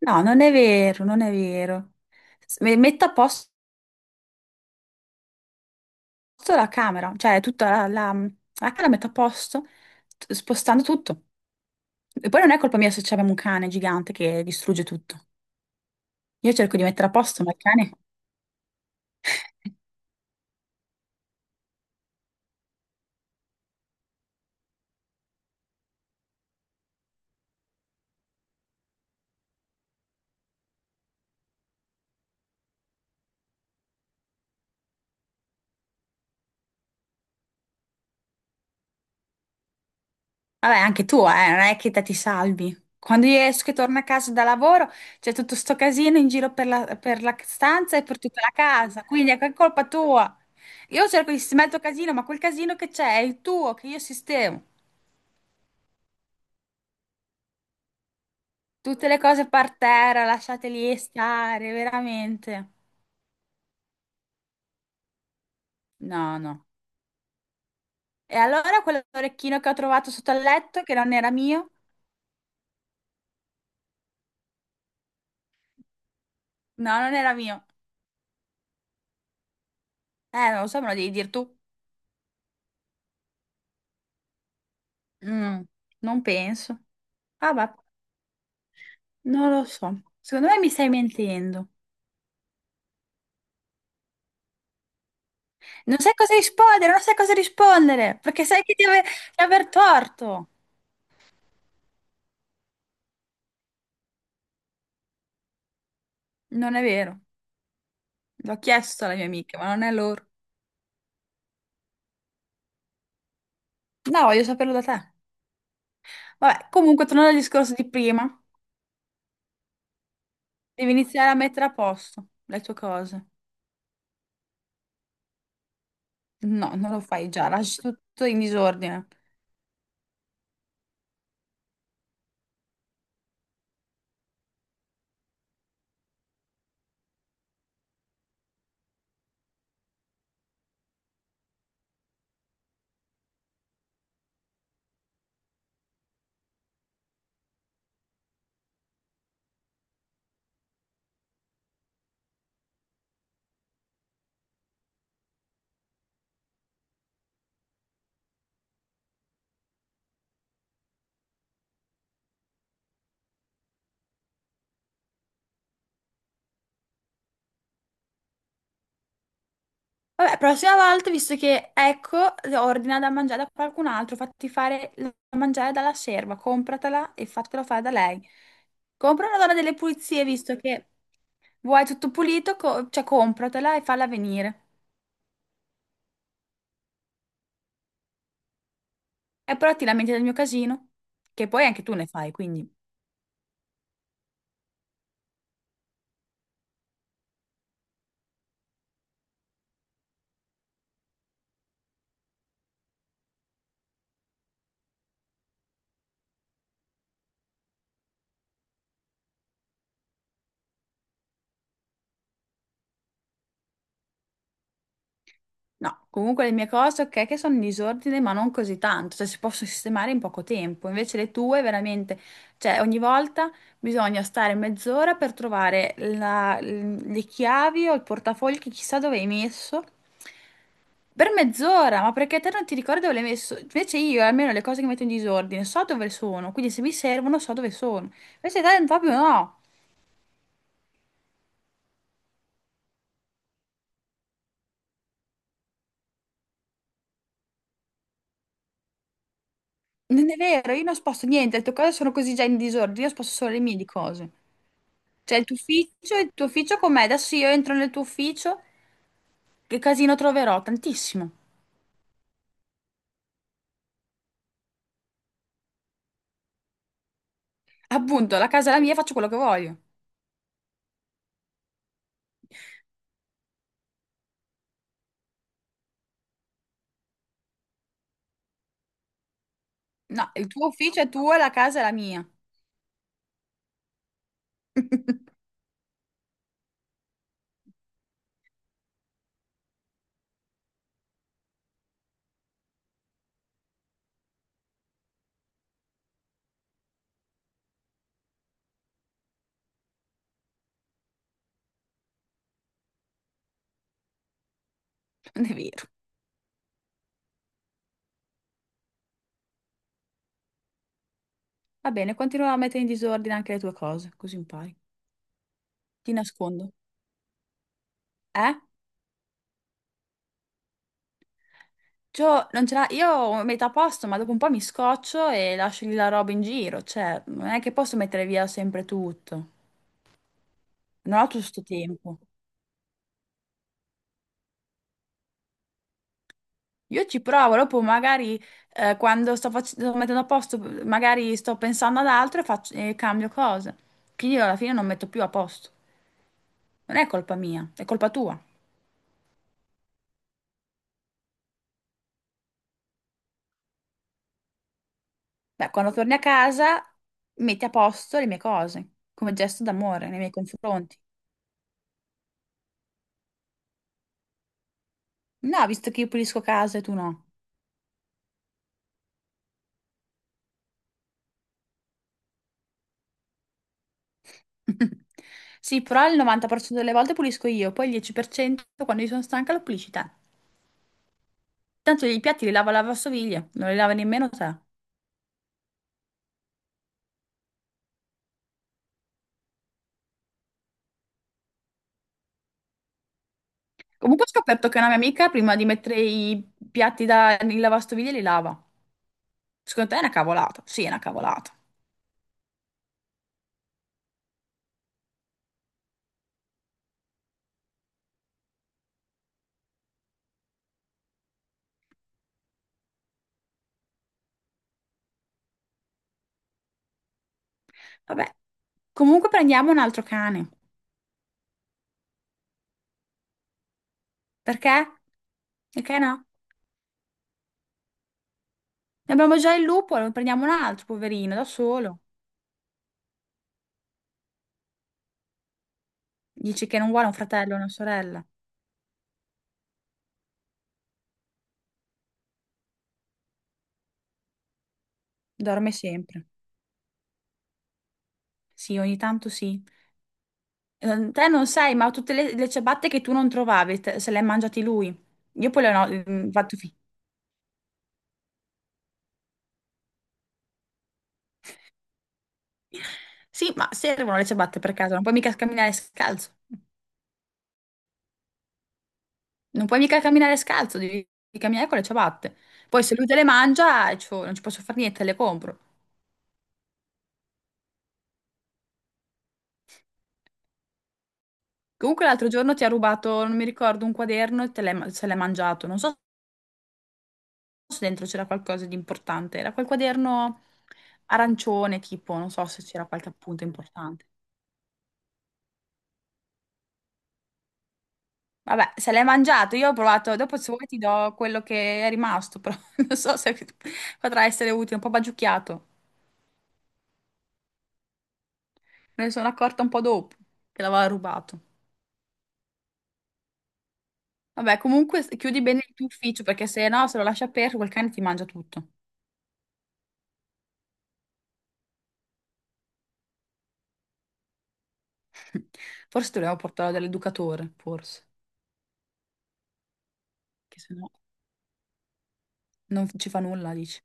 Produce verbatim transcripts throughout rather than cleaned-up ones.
No, non è vero, non è vero. S- me- Metto a posto la camera, cioè tutta la, la, la camera metto a posto t- spostando tutto. E poi non è colpa mia se abbiamo un cane gigante che distrugge tutto. Io cerco di mettere a posto, ma il cane... Vabbè, anche tu, eh, non è che te ti salvi. Quando io esco e torno a casa da lavoro, c'è tutto sto casino in giro per la, per la stanza e per tutta la casa, quindi è colpa tua. Io cerco di sistemare il tuo casino, ma quel casino che c'è è il tuo, che io sistemo. Tutte le cose per terra, lasciateli stare, veramente. No, no. E allora quell'orecchino che ho trovato sotto al letto, che non era mio? No, non era mio. Eh, non lo so, me lo devi dire tu. Mm, non penso. Ah, ma non lo so. Secondo me mi stai mentendo. Non sai cosa rispondere, non sai cosa rispondere, perché sai che ti ave- di aver torto. Non è vero. L'ho chiesto alla mia amica, ma non è loro. No, voglio saperlo da te. Vabbè, comunque, tornando al discorso di prima. Devi iniziare a mettere a posto le tue cose. No, non lo fai già, lasci tutto in disordine. Vabbè, prossima volta, visto che ecco, ordina da mangiare da qualcun altro, fatti fare da mangiare dalla serva, compratela e fatela fare da lei. Compra una donna delle pulizie, visto che vuoi tutto pulito, co- cioè compratela e falla venire. E però ti lamenti del mio casino, che poi anche tu ne fai, quindi. No, comunque le mie cose, ok, che sono in disordine, ma non così tanto, cioè si possono sistemare in poco tempo. Invece le tue veramente, cioè ogni volta bisogna stare mezz'ora per trovare la- le chiavi o il portafoglio che chissà dove hai messo. Per mezz'ora, ma perché te non ti ricordi dove l'hai messo? Invece io, almeno le cose che metto in disordine, so dove sono, quindi se mi servono so dove sono. Invece te proprio no, non è vero, io non sposto niente, le tue cose sono così già in disordine, io sposto solo le mie di cose. Cioè, il tuo ufficio, il tuo ufficio com'è? Adesso io entro nel tuo ufficio, che casino troverò? Tantissimo. Appunto, la casa è la mia, faccio quello che voglio. No, il tuo ufficio è tuo, la casa è la mia. Non è vero. Va bene, continuo a mettere in disordine anche le tue cose, così impari. Ti nascondo. Eh? Cioè, non ce l'ha, io ho metà a posto, ma dopo un po' mi scoccio e lascio lì la roba in giro. Cioè, non è che posso mettere via sempre tutto. Non ho tutto sto tempo. Io ci provo, dopo magari eh, quando sto, fac- sto mettendo a posto, magari sto pensando ad altro e, faccio- e cambio cose. Quindi io alla fine non metto più a posto. Non è colpa mia, è colpa tua. Beh, quando torni a casa metti a posto le mie cose, come gesto d'amore nei miei confronti. No, visto che io pulisco casa e tu no. Sì, però il novanta per cento delle volte pulisco io, poi il dieci per cento quando io sono stanca lo pulisci te. Tanto i piatti li lava la lavastoviglie, non li lava nemmeno te. Comunque ho scoperto che una mia amica prima di mettere i piatti da, nel lavastoviglie li lava. Secondo te è una cavolata? Sì, è una cavolata. Vabbè. Comunque prendiamo un altro cane. Perché? Perché no? Ne abbiamo già il lupo, ne prendiamo un altro, poverino, da solo. Dici che non vuole un fratello o una sorella. Dorme sempre. Sì, ogni tanto sì. Eh, te non sai, ma tutte le, le ciabatte che tu non trovavi, te- se le hai mangiate lui. Io poi le ho mm, fatto finire. Sì, ma servono le ciabatte per caso, non puoi mica camminare scalzo. Non puoi mica camminare scalzo, devi, devi camminare con le ciabatte. Poi se lui te le mangia, eh, cioè, non ci posso fare niente, te le compro. Comunque l'altro giorno ti ha rubato, non mi ricordo, un quaderno e te l'hai ma- se l'hai mangiato. Non so se dentro c'era qualcosa di importante. Era quel quaderno arancione, tipo, non so se c'era qualche appunto importante. Vabbè, se l'hai mangiato, io ho provato, dopo se vuoi ti do quello che è rimasto, però non so se potrà essere utile, un po' bagiucchiato. Me ne sono accorta un po' dopo che l'aveva rubato. Vabbè, comunque s- chiudi bene il tuo ufficio perché se no, se lo lasci aperto, quel cane ti mangia tutto. Forse dobbiamo portarlo dall'educatore, forse, che se no non ci fa nulla, dici.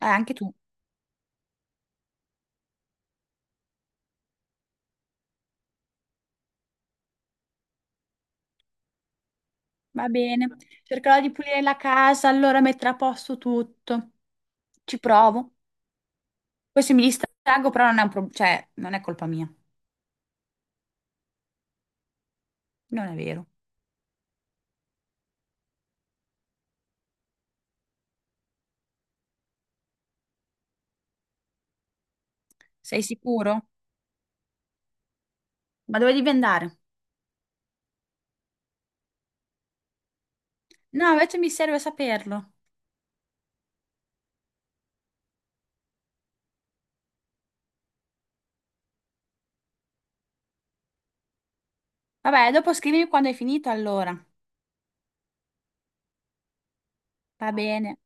Eh, anche tu. Va bene. Cercherò di pulire la casa, allora metterò a posto tutto. Ci provo. Poi se mi distraggo, però non è un pro- cioè, non è colpa mia. Non è vero. Sei sicuro? Ma dove devi andare? No, invece mi serve saperlo. Vabbè, dopo scrivimi quando hai finito, allora. Va bene.